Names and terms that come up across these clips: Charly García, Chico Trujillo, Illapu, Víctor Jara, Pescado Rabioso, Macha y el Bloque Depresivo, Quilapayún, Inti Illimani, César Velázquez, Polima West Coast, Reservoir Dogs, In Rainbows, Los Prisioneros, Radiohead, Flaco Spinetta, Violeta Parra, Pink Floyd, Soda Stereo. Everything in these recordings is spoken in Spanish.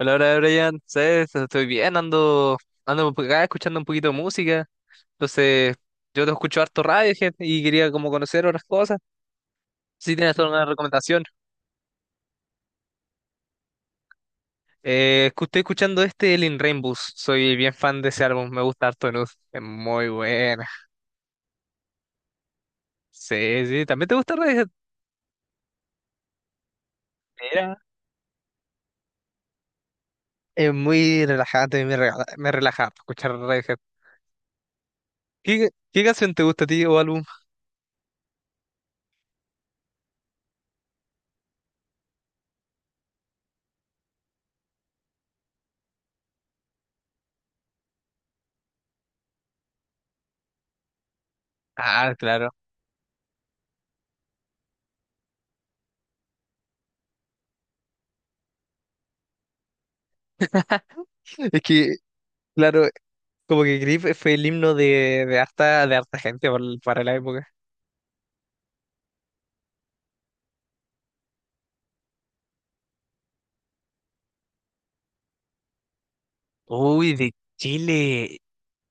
Hola, hola, Brian. ¿Sabes? Estoy bien, ando por acá escuchando un poquito de música. Entonces, yo te escucho harto radio, y quería como conocer otras cosas. Si tienes alguna recomendación. Estoy escuchando este, el In Rainbows. Soy bien fan de ese álbum, me gusta harto Nud. Es muy buena. Sí, sí, ¿también te gusta Radiohead? Mira. Es muy relajante, me relaja harto escuchar Radiohead. ¿Qué canción te gusta a ti o álbum? Ah, claro. Es que, claro, como que Grip fue el himno de harta gente para la época. Uy, de Chile.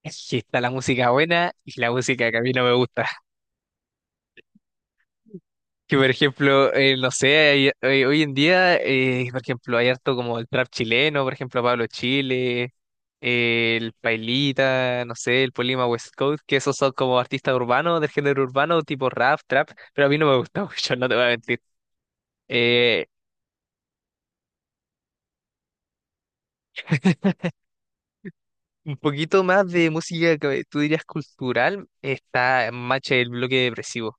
Es que está la música buena y la música que a mí no me gusta. Que por ejemplo, no sé, hoy en día, por ejemplo, hay harto como el trap chileno, por ejemplo, Pablo Chile, el Pailita, no sé, el Polima West Coast, que esos son como artistas urbanos, del género urbano, tipo rap, trap, pero a mí no me gusta mucho, no te voy a mentir. Eh, Un poquito más de música que tú dirías cultural está Macha y el Bloque Depresivo.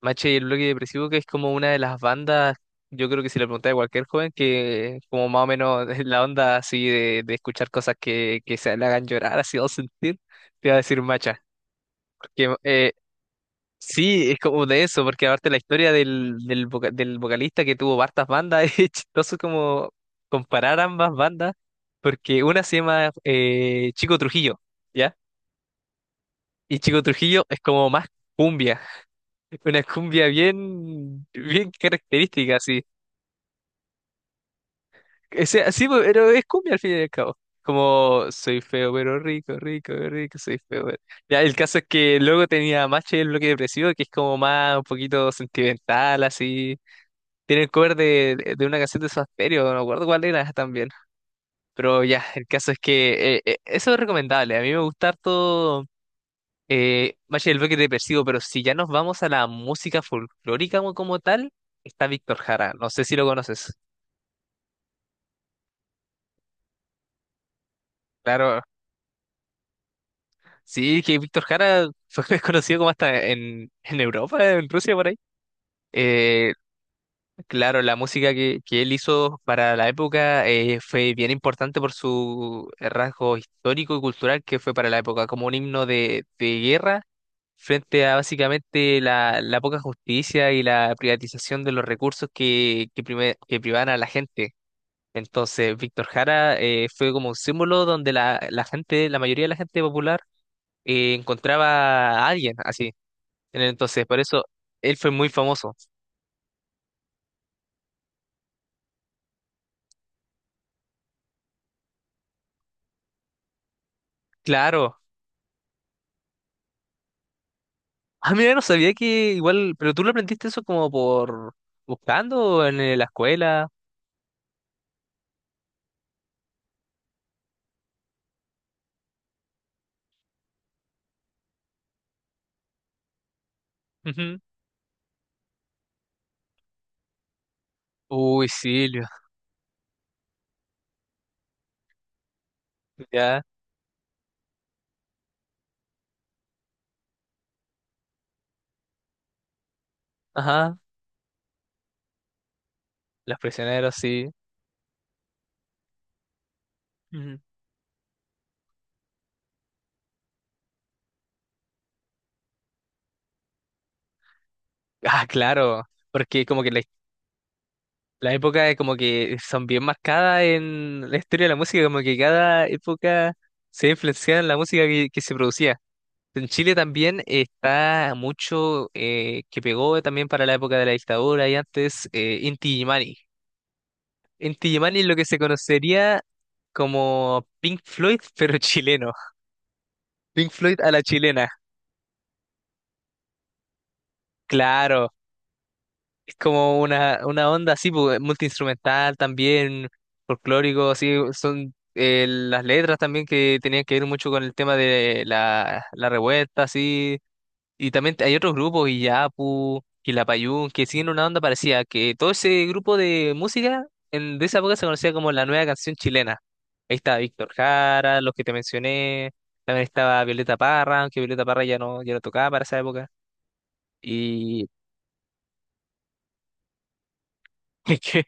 Macha y el Bloque Depresivo, que es como una de las bandas, yo creo que si le preguntas a cualquier joven, que como más o menos es la onda así de escuchar cosas que se le hagan llorar, así o sentir, te va a decir Macha. Porque sí, es como de eso, porque aparte la historia del vocalista que tuvo hartas bandas, es chistoso como comparar ambas bandas, porque una se llama Chico Trujillo. ¿Ya? Y Chico Trujillo es como más cumbia, una cumbia bien característica, así. Ese, así, pues, pero es cumbia al fin y al cabo. Como soy feo pero rico, rico, rico, soy feo pero... Ya, el caso es que luego tenía Macho y el bloque depresivo, que es como más un poquito sentimental, así. Tiene el cover de una canción de Soda Stereo, no me acuerdo cuál era también. Pero ya, el caso es que eso es recomendable. A mí me gusta harto. Valle del Bosque es depresivo, pero si ya nos vamos a la música folclórica como, como tal, está Víctor Jara. No sé si lo conoces. Claro, sí, que Víctor Jara fue conocido como hasta en Europa, en Rusia, por ahí. Eh, Claro, la música que él hizo para la época fue bien importante por su rasgo histórico y cultural que fue para la época, como un himno de guerra frente a básicamente la poca justicia y la privatización de los recursos que privaban a la gente. Entonces, Víctor Jara fue como un símbolo donde la gente, la mayoría de la gente popular encontraba a alguien así. Entonces, por eso él fue muy famoso. Claro. Ah, mira, no sabía que igual, pero tú lo aprendiste eso como por buscando en la escuela. Ujú. Uy, Silvio, ya, ajá, los prisioneros, sí. Ujú. Ah, claro, porque como que la época es como que son bien marcadas en la historia de la música, como que cada época se influencia en la música que se producía. En Chile también está mucho que pegó también para la época de la dictadura y antes Inti Illimani. En Illimani es lo que se conocería como Pink Floyd, pero chileno. Pink Floyd a la chilena. Claro, es como una onda así, pu, multiinstrumental también, folclórico, así, son las letras también que tenían que ver mucho con el tema de la revuelta, así. Y también hay otros grupos, Illapu, Quilapayún, que siguen una onda parecida, que todo ese grupo de música de esa época se conocía como la nueva canción chilena. Ahí estaba Víctor Jara, los que te mencioné, también estaba Violeta Parra, aunque Violeta Parra ya no tocaba para esa época. Y es que,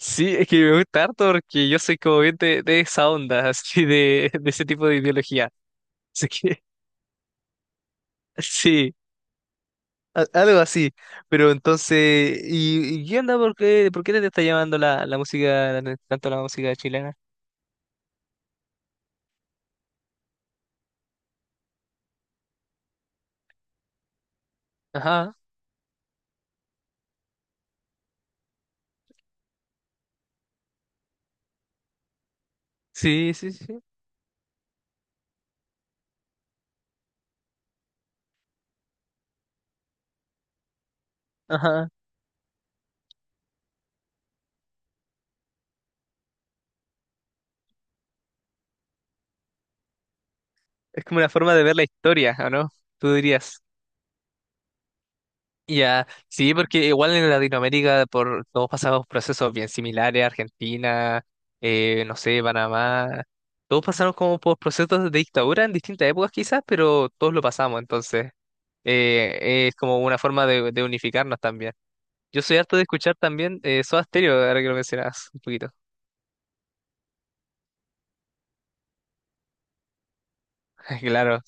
sí, es que me gusta harto porque yo soy como bien de esa onda, así de ese tipo de ideología. Así que, sí. Algo así. Pero entonces, y qué onda? ¿Por qué te está llamando tanto la música chilena? Ajá, sí, sí, sí. Ajá. Es como una forma de ver la historia, ¿o no? Tú dirías. Ya, sí, porque igual en Latinoamérica por, todos pasamos procesos bien similares, Argentina, no sé, Panamá, todos pasaron como por procesos de dictadura en distintas épocas quizás, pero todos lo pasamos, entonces es como una forma de unificarnos también. Yo soy harto de escuchar también Soda Stereo, ahora que lo mencionabas un poquito. Claro,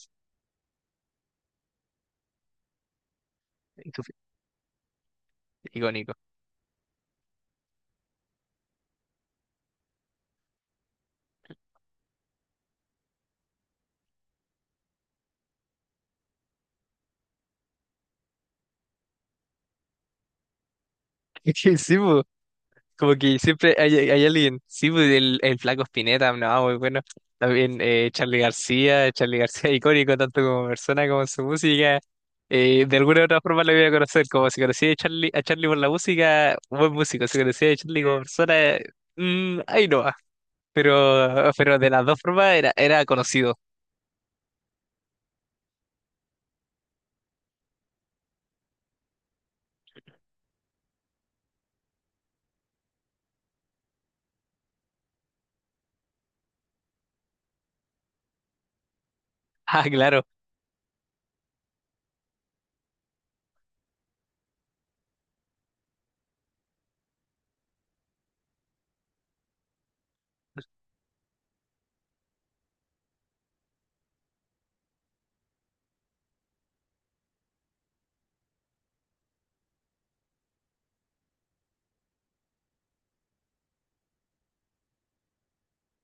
icónico. Es que sí, po, como que siempre hay, hay alguien. Sí, po, el Flaco Spinetta, no, muy bueno. También Charly García, Charly García icónico tanto como persona como en su música. De alguna u otra forma lo voy a conocer, como si conocía a Charly por la música, buen músico. Si conocía a Charly como persona, ahí no va. Pero de las dos formas era conocido. Ah, claro,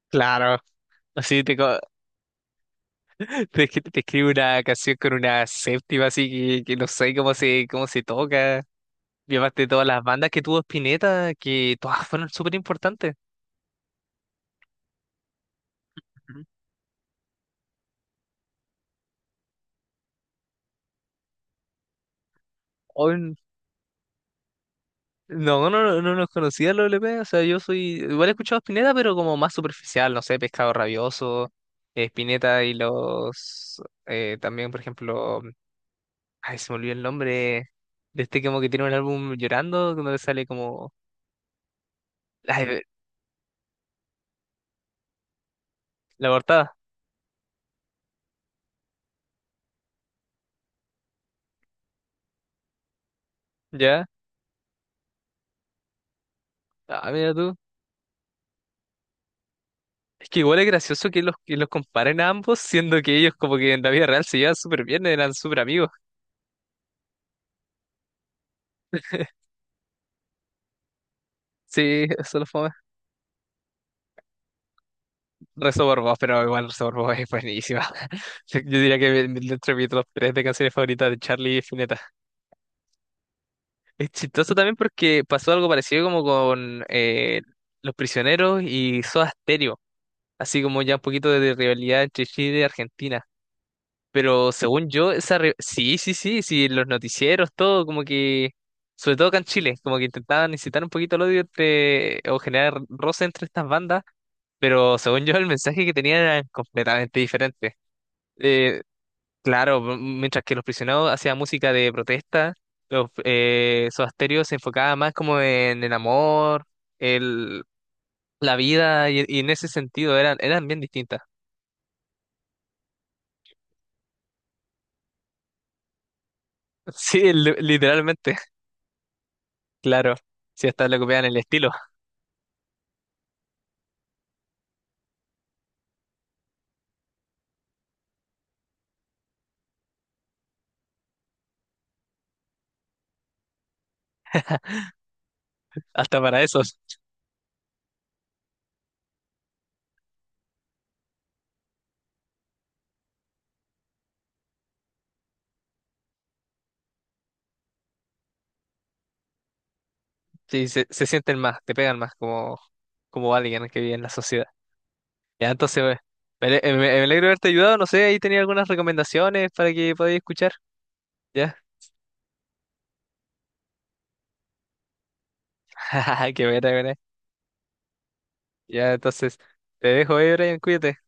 claro. Así te, co- es que te escribe una canción con una séptima así que no sé cómo se toca. Y además de todas las bandas que tuvo Spinetta, que todas fueron súper importantes. Ujú. Hoy no, no, no, no los conocía los L P, o sea, yo soy, igual he escuchado Spinetta, pero como más superficial, no sé, Pescado Rabioso, Spinetta y los, también, por ejemplo, ay, se me olvidó el nombre, de este como que tiene un álbum llorando, donde sale como, ay, la portada, ¿ya? Ah, mira tú. Es que igual es gracioso que que los comparen a ambos, siendo que ellos como que en la vida real se llevan súper bien, eran súper amigos. Sí, eso lo fue. Reservoir Dogs, pero igual Reservoir Dogs es buenísima. Yo diría que dentro de mi top 3 de canciones favoritas de Charlie Spinetta. Es chistoso también porque pasó algo parecido como con Los Prisioneros y Soda Stereo, así como ya un poquito de rivalidad entre Chile y Argentina. Pero según yo, esa re- sí, sí, sí, sí, los noticieros, todo, como que, sobre todo acá en Chile, como que intentaban incitar un poquito el odio entre, o generar roce entre estas bandas, pero según yo el mensaje que tenían era completamente diferente. Eh, claro, m- mientras que Los Prisioneros hacían música de protesta, los, Soda Stereo se enfocaba más como en el amor, el, la vida, y en ese sentido eran bien distintas. Sí, li- literalmente, claro, si hasta le copiaban el estilo. Hasta para esos. Sí, se sienten más, te pegan más como, como alguien que vive en la sociedad. Ya, entonces, me alegro de haberte ayudado. No sé, ahí tenía algunas recomendaciones para que podáis escuchar. Ya, qué buena, buena. Ya, entonces, te dejo ahí, Brian, cuídate.